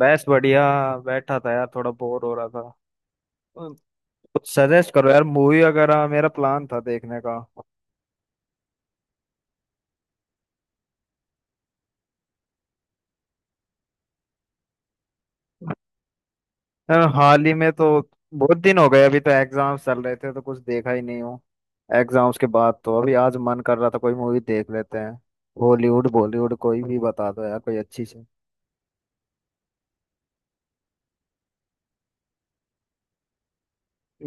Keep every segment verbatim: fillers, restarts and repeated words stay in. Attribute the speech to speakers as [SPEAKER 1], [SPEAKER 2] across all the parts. [SPEAKER 1] बस बढ़िया। बैठा था यार, थोड़ा बोर हो रहा था। कुछ सजेस्ट करो यार, मूवी वगैरह मेरा प्लान था देखने का। यार हाल ही में तो बहुत दिन हो गए, अभी तो एग्जाम्स चल रहे थे तो कुछ देखा ही नहीं हूँ। एग्जाम्स के बाद तो अभी आज मन कर रहा था कोई मूवी देख लेते हैं। हॉलीवुड बॉलीवुड कोई भी बता दो यार, कोई अच्छी सी।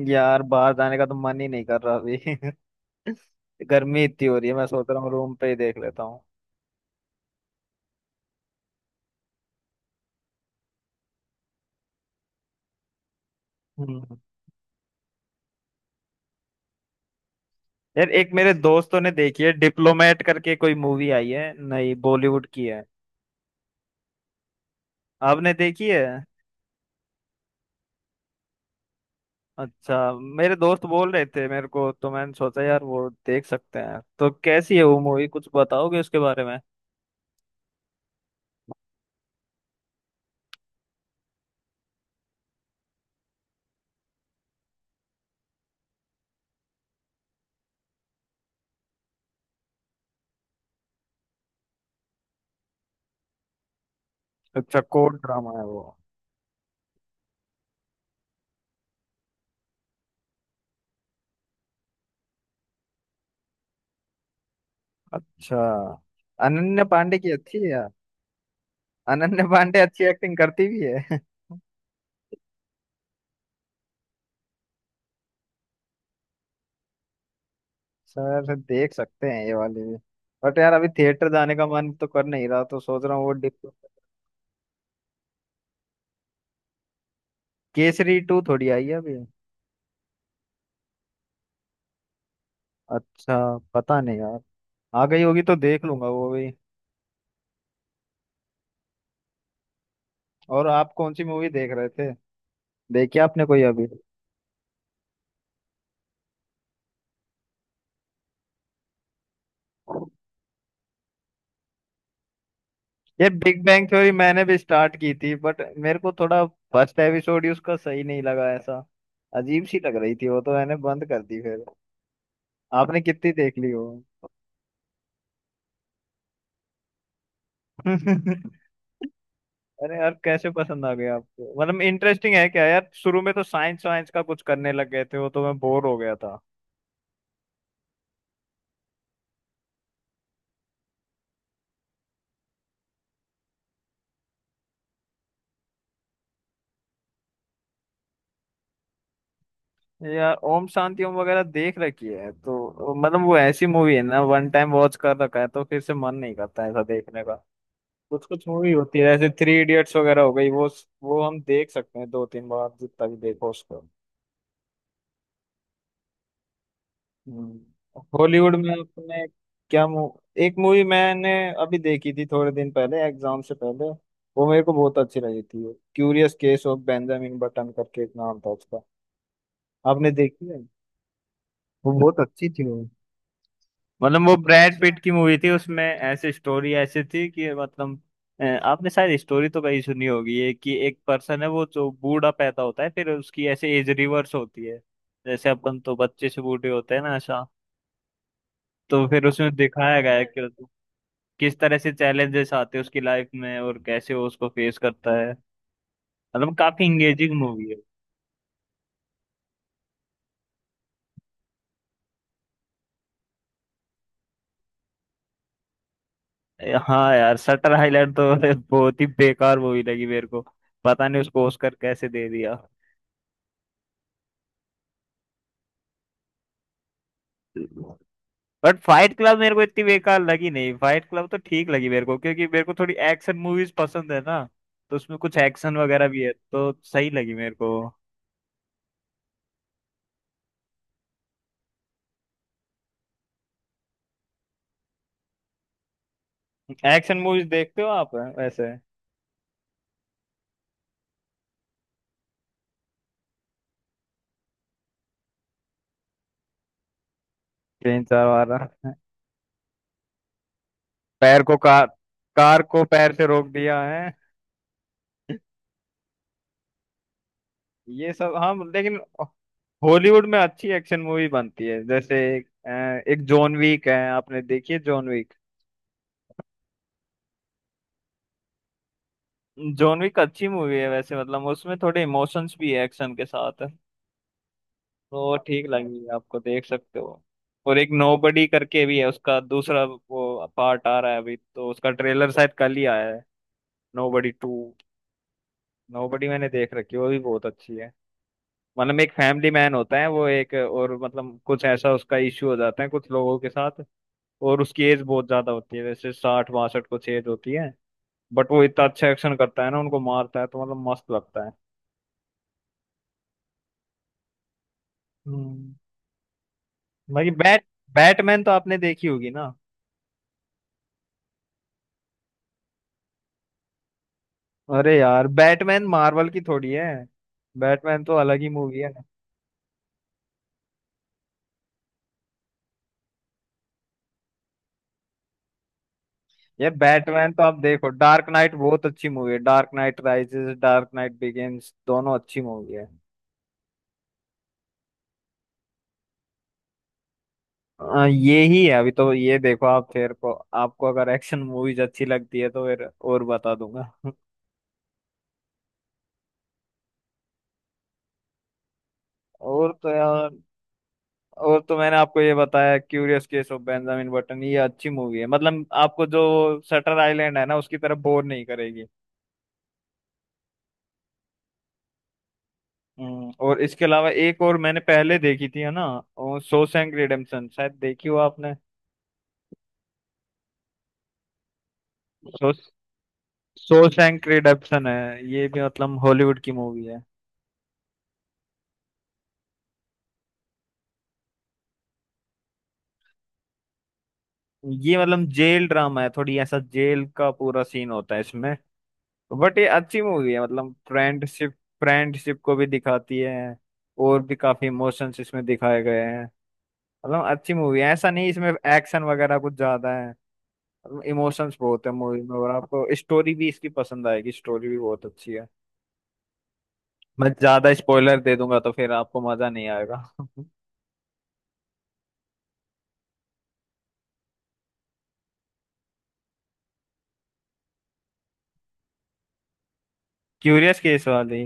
[SPEAKER 1] यार बाहर जाने का तो मन ही नहीं कर रहा अभी। गर्मी इतनी हो रही है, मैं सोच रहा हूँ रूम पे ही देख लेता हूँ। हम्म। यार एक मेरे दोस्तों ने देखी है, डिप्लोमेट करके कोई मूवी आई है, नहीं बॉलीवुड की है। आपने देखी है? अच्छा। मेरे दोस्त बोल रहे थे मेरे को, तो मैंने सोचा यार वो देख सकते हैं। तो कैसी है वो मूवी, कुछ बताओगे उसके बारे में? अच्छा, कोर्ट ड्रामा है वो? अच्छा। अनन्या पांडे की अच्छी है यार? अनन्या पांडे अच्छी एक्टिंग करती भी है। सर, देख सकते हैं ये वाली भी। बट यार अभी थिएटर जाने का मन तो कर नहीं रहा, तो सोच रहा हूँ वो डिप केसरी टू थोड़ी आई है अभी? अच्छा, पता नहीं यार। आ गई होगी तो देख लूंगा वो भी। और आप कौन सी मूवी देख रहे थे? देखी आपने कोई अभी? ये बिग बैंग थ्योरी मैंने भी स्टार्ट की थी, बट मेरे को थोड़ा फर्स्ट एपिसोड ही उसका सही नहीं लगा, ऐसा अजीब सी लग रही थी वो, तो मैंने बंद कर दी फिर। आपने कितनी देख ली वो? अरे यार, कैसे पसंद आ गया आपको? मतलब इंटरेस्टिंग है क्या यार? शुरू में तो साइंस वाइंस का कुछ करने लग गए थे, वो तो मैं बोर हो गया था। यार ओम शांति ओम वगैरह देख रखी है तो मतलब, वो ऐसी मूवी है ना, वन टाइम वॉच कर रखा है तो फिर से मन नहीं करता ऐसा देखने का। कुछ कुछ मूवी होती है जैसे थ्री इडियट्स वगैरह हो गई वो। वो हम देख सकते हैं दो तीन बार, जितना भी देखो उसको। हम्म। हॉलीवुड में आपने? क्या मू... एक मूवी मैंने अभी देखी थी थोड़े दिन पहले, एग्जाम से पहले। वो मेरे को बहुत अच्छी लगी थी, Curious Case of Benjamin Button करके एक नाम था उसका। आपने देखी है? वो बहुत अच्छी थी वो। मतलब वो ब्रैड पिट की मूवी थी, उसमें ऐसी स्टोरी ऐसी थी कि मतलब, अ, आपने शायद स्टोरी तो कहीं सुनी होगी, ये कि एक पर्सन है वो जो बूढ़ा पैदा होता है, फिर उसकी ऐसे एज रिवर्स होती है। जैसे अपन तो बच्चे से बूढ़े होते हैं ना, ऐसा। तो फिर उसमें दिखाया गया है कि किस तरह से चैलेंजेस आते हैं उसकी लाइफ में, और कैसे वो उसको फेस करता है। मतलब काफी इंगेजिंग मूवी है। ए, हाँ यार, शटर आइलैंड तो बहुत ही बेकार मूवी लगी मेरे को। पता नहीं उसको ऑस्कर कैसे दे दिया। बट फाइट क्लब मेरे को इतनी बेकार लगी नहीं, फाइट क्लब तो ठीक लगी मेरे को, क्योंकि मेरे को थोड़ी एक्शन मूवीज पसंद है ना। तो उसमें कुछ एक्शन वगैरह भी है तो सही लगी मेरे को। एक्शन मूवीज देखते हो आप वैसे? तीन चार वाला। पैर को कार कार को पैर से रोक दिया है। ये सब, हाँ लेकिन हॉलीवुड में अच्छी एक्शन मूवी बनती है, जैसे एक, अ, एक जॉन विक है। आपने देखी है जॉन विक? जॉन विक अच्छी मूवी है वैसे, मतलब उसमें थोड़े इमोशंस भी है एक्शन के साथ। वो ठीक लगेगी आपको, देख सकते हो। और एक नोबडी करके भी है, उसका दूसरा वो पार्ट आ रहा है अभी, तो उसका ट्रेलर शायद कल ही आया है। Nobody two. नोबडी मैंने देख रखी है, वो भी बहुत अच्छी है। मतलब एक फैमिली मैन होता है वो, एक और मतलब कुछ ऐसा उसका इश्यू हो जाता है कुछ लोगों के साथ। और उसकी एज बहुत ज्यादा होती है, जैसे साठ बासठ कुछ एज होती है। बट वो इतना अच्छा एक्शन करता है ना, उनको मारता है तो मतलब मस्त लगता है। हम्म। बाकी, बैट बैटमैन तो आपने देखी होगी ना? अरे यार, बैटमैन मार्वल की थोड़ी है। बैटमैन तो अलग ही मूवी है। यार बैटमैन तो आप देखो, डार्क नाइट बहुत अच्छी मूवी है, Dark Knight Rises, Dark Knight Begins, दोनों अच्छी मूवी है। आ, ये ही है अभी तो, ये देखो आप फिर को। आपको अगर एक्शन मूवीज अच्छी लगती है तो फिर और बता दूंगा। और तो यार, और तो मैंने आपको ये बताया Curious Case of Benjamin Button, ये अच्छी मूवी है, मतलब आपको जो शटर आइलैंड है ना उसकी तरफ बोर नहीं करेगी। हम्म, और इसके अलावा एक और मैंने पहले देखी थी है ना, और शॉशैंक रिडेम्पशन शायद देखी हो आपने? शॉश शॉशैंक रिडेम्पशन है ये भी, मतलब हॉलीवुड की मूवी है। ये मतलब जेल ड्रामा है थोड़ी, ऐसा जेल का पूरा सीन होता है इसमें। बट ये अच्छी मूवी है, मतलब फ्रेंडशिप फ्रेंडशिप को भी दिखाती है। और भी काफी इमोशंस इसमें दिखाए गए हैं। मतलब अच्छी मूवी है, ऐसा नहीं इसमें एक्शन वगैरह कुछ ज्यादा है। मतलब इमोशंस बहुत है मूवी में, और आपको स्टोरी भी इसकी पसंद आएगी, स्टोरी भी बहुत अच्छी है। मैं ज्यादा स्पॉइलर दे दूंगा तो फिर आपको मजा नहीं आएगा। क्यूरियस केस वाली।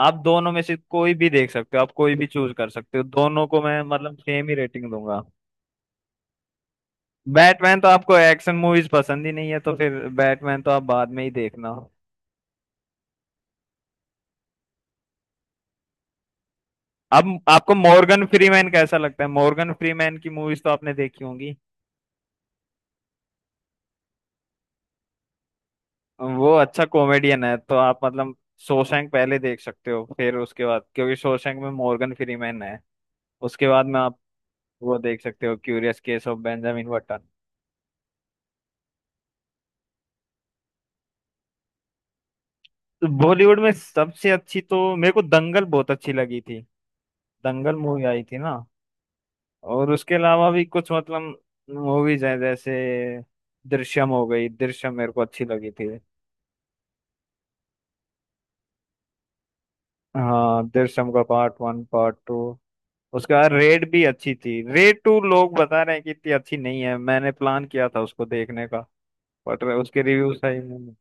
[SPEAKER 1] आप दोनों में से कोई भी देख सकते हो, आप कोई भी चूज कर सकते हो, दोनों को मैं मतलब सेम ही रेटिंग दूंगा। बैटमैन तो आपको एक्शन मूवीज पसंद ही नहीं है तो फिर, बैटमैन तो आप बाद में ही देखना। अब आपको मॉर्गन फ्रीमैन कैसा लगता है? मॉर्गन फ्रीमैन की मूवीज तो आपने देखी होंगी। वो अच्छा कॉमेडियन है, तो आप मतलब शोशैंक पहले देख सकते हो, फिर उसके बाद क्योंकि शोशैंक में मॉर्गन फ्रीमैन है उसके बाद में वो देख सकते हो Curious Case of Benjamin Button. Bollywood में सबसे अच्छी तो मेरे को दंगल बहुत अच्छी लगी थी। दंगल मूवी आई थी ना? और उसके अलावा भी कुछ मतलब मूवीज हैं, जैसे दृश्यम हो गई, दृश्यम मेरे को अच्छी लगी थी। हाँ, दृश्यम का पार्ट वन, पार्ट टू। उसके बाद रेड भी अच्छी थी। रेड टू लोग बता रहे हैं कि इतनी अच्छी नहीं है, मैंने प्लान किया था उसको देखने का, बट उसके रिव्यू सही नहीं।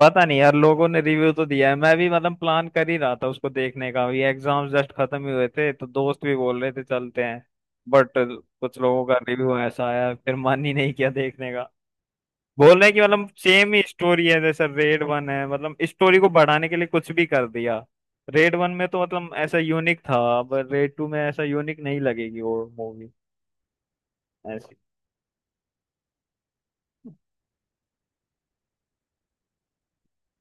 [SPEAKER 1] पता नहीं यार, लोगों ने रिव्यू तो दिया है, मैं भी मतलब प्लान कर ही रहा था उसको देखने का, ये एग्जाम जस्ट खत्म ही हुए थे तो दोस्त भी बोल रहे थे चलते हैं। बट कुछ लोगों का रिव्यू ऐसा आया, फिर मन ही नहीं किया देखने का। बोल रहे हैं कि मतलब सेम ही स्टोरी है जैसे रेड वन है, मतलब स्टोरी को बढ़ाने के लिए कुछ भी कर दिया। रेड वन में तो मतलब ऐसा यूनिक था, अब रेड टू में ऐसा यूनिक नहीं लगेगी वो मूवी, ऐसी।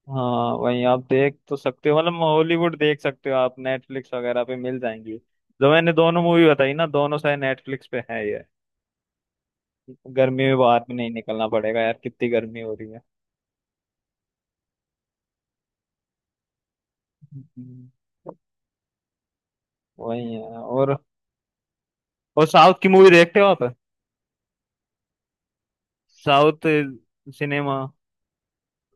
[SPEAKER 1] हाँ वही, आप देख तो सकते हो मतलब, हॉलीवुड देख सकते हो आप, नेटफ्लिक्स वगैरह पे मिल जाएंगी। जो मैंने दोनों मूवी बताई ना, दोनों शायद नेटफ्लिक्स पे है ये। गर्मी में बाहर भी नहीं निकलना पड़ेगा, यार कितनी गर्मी हो रही है। हम्म। वही है और और साउथ की मूवी देखते हो आप? South cinema,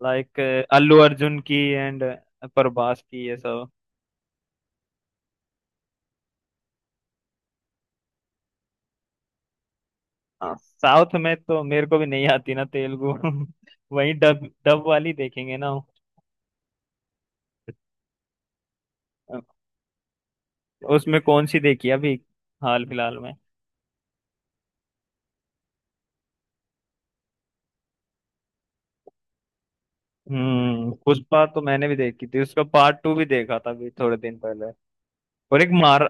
[SPEAKER 1] like Allu Arjun की एंड प्रभास की ये सब। हाँ, साउथ में तो मेरे को भी नहीं आती ना तेलुगु। वही डब डब वाली देखेंगे ना। उसमें कौन सी देखी अभी, हाल फिलहाल में? हम्म पुष्पा तो मैंने भी देखी थी, उसका पार्ट टू भी देखा था अभी थोड़े दिन पहले। और एक मार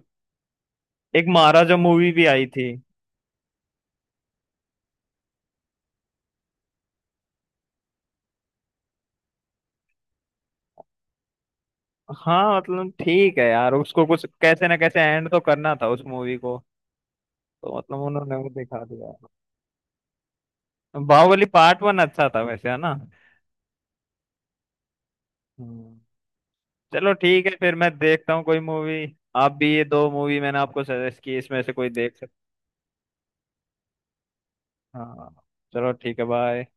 [SPEAKER 1] एक महाराजा मूवी भी आई थी। हाँ, मतलब ठीक है यार, उसको कुछ कैसे ना कैसे एंड तो करना था उस मूवी को, तो मतलब उन्होंने वो दिखा दिया। बाहुबली पार्ट वन अच्छा था वैसे, है ना? हम्म। चलो ठीक है, फिर मैं देखता हूँ कोई मूवी। आप भी, ये दो मूवी मैंने आपको सजेस्ट की इसमें से कोई देख सकते। हाँ, चलो ठीक है, बाय।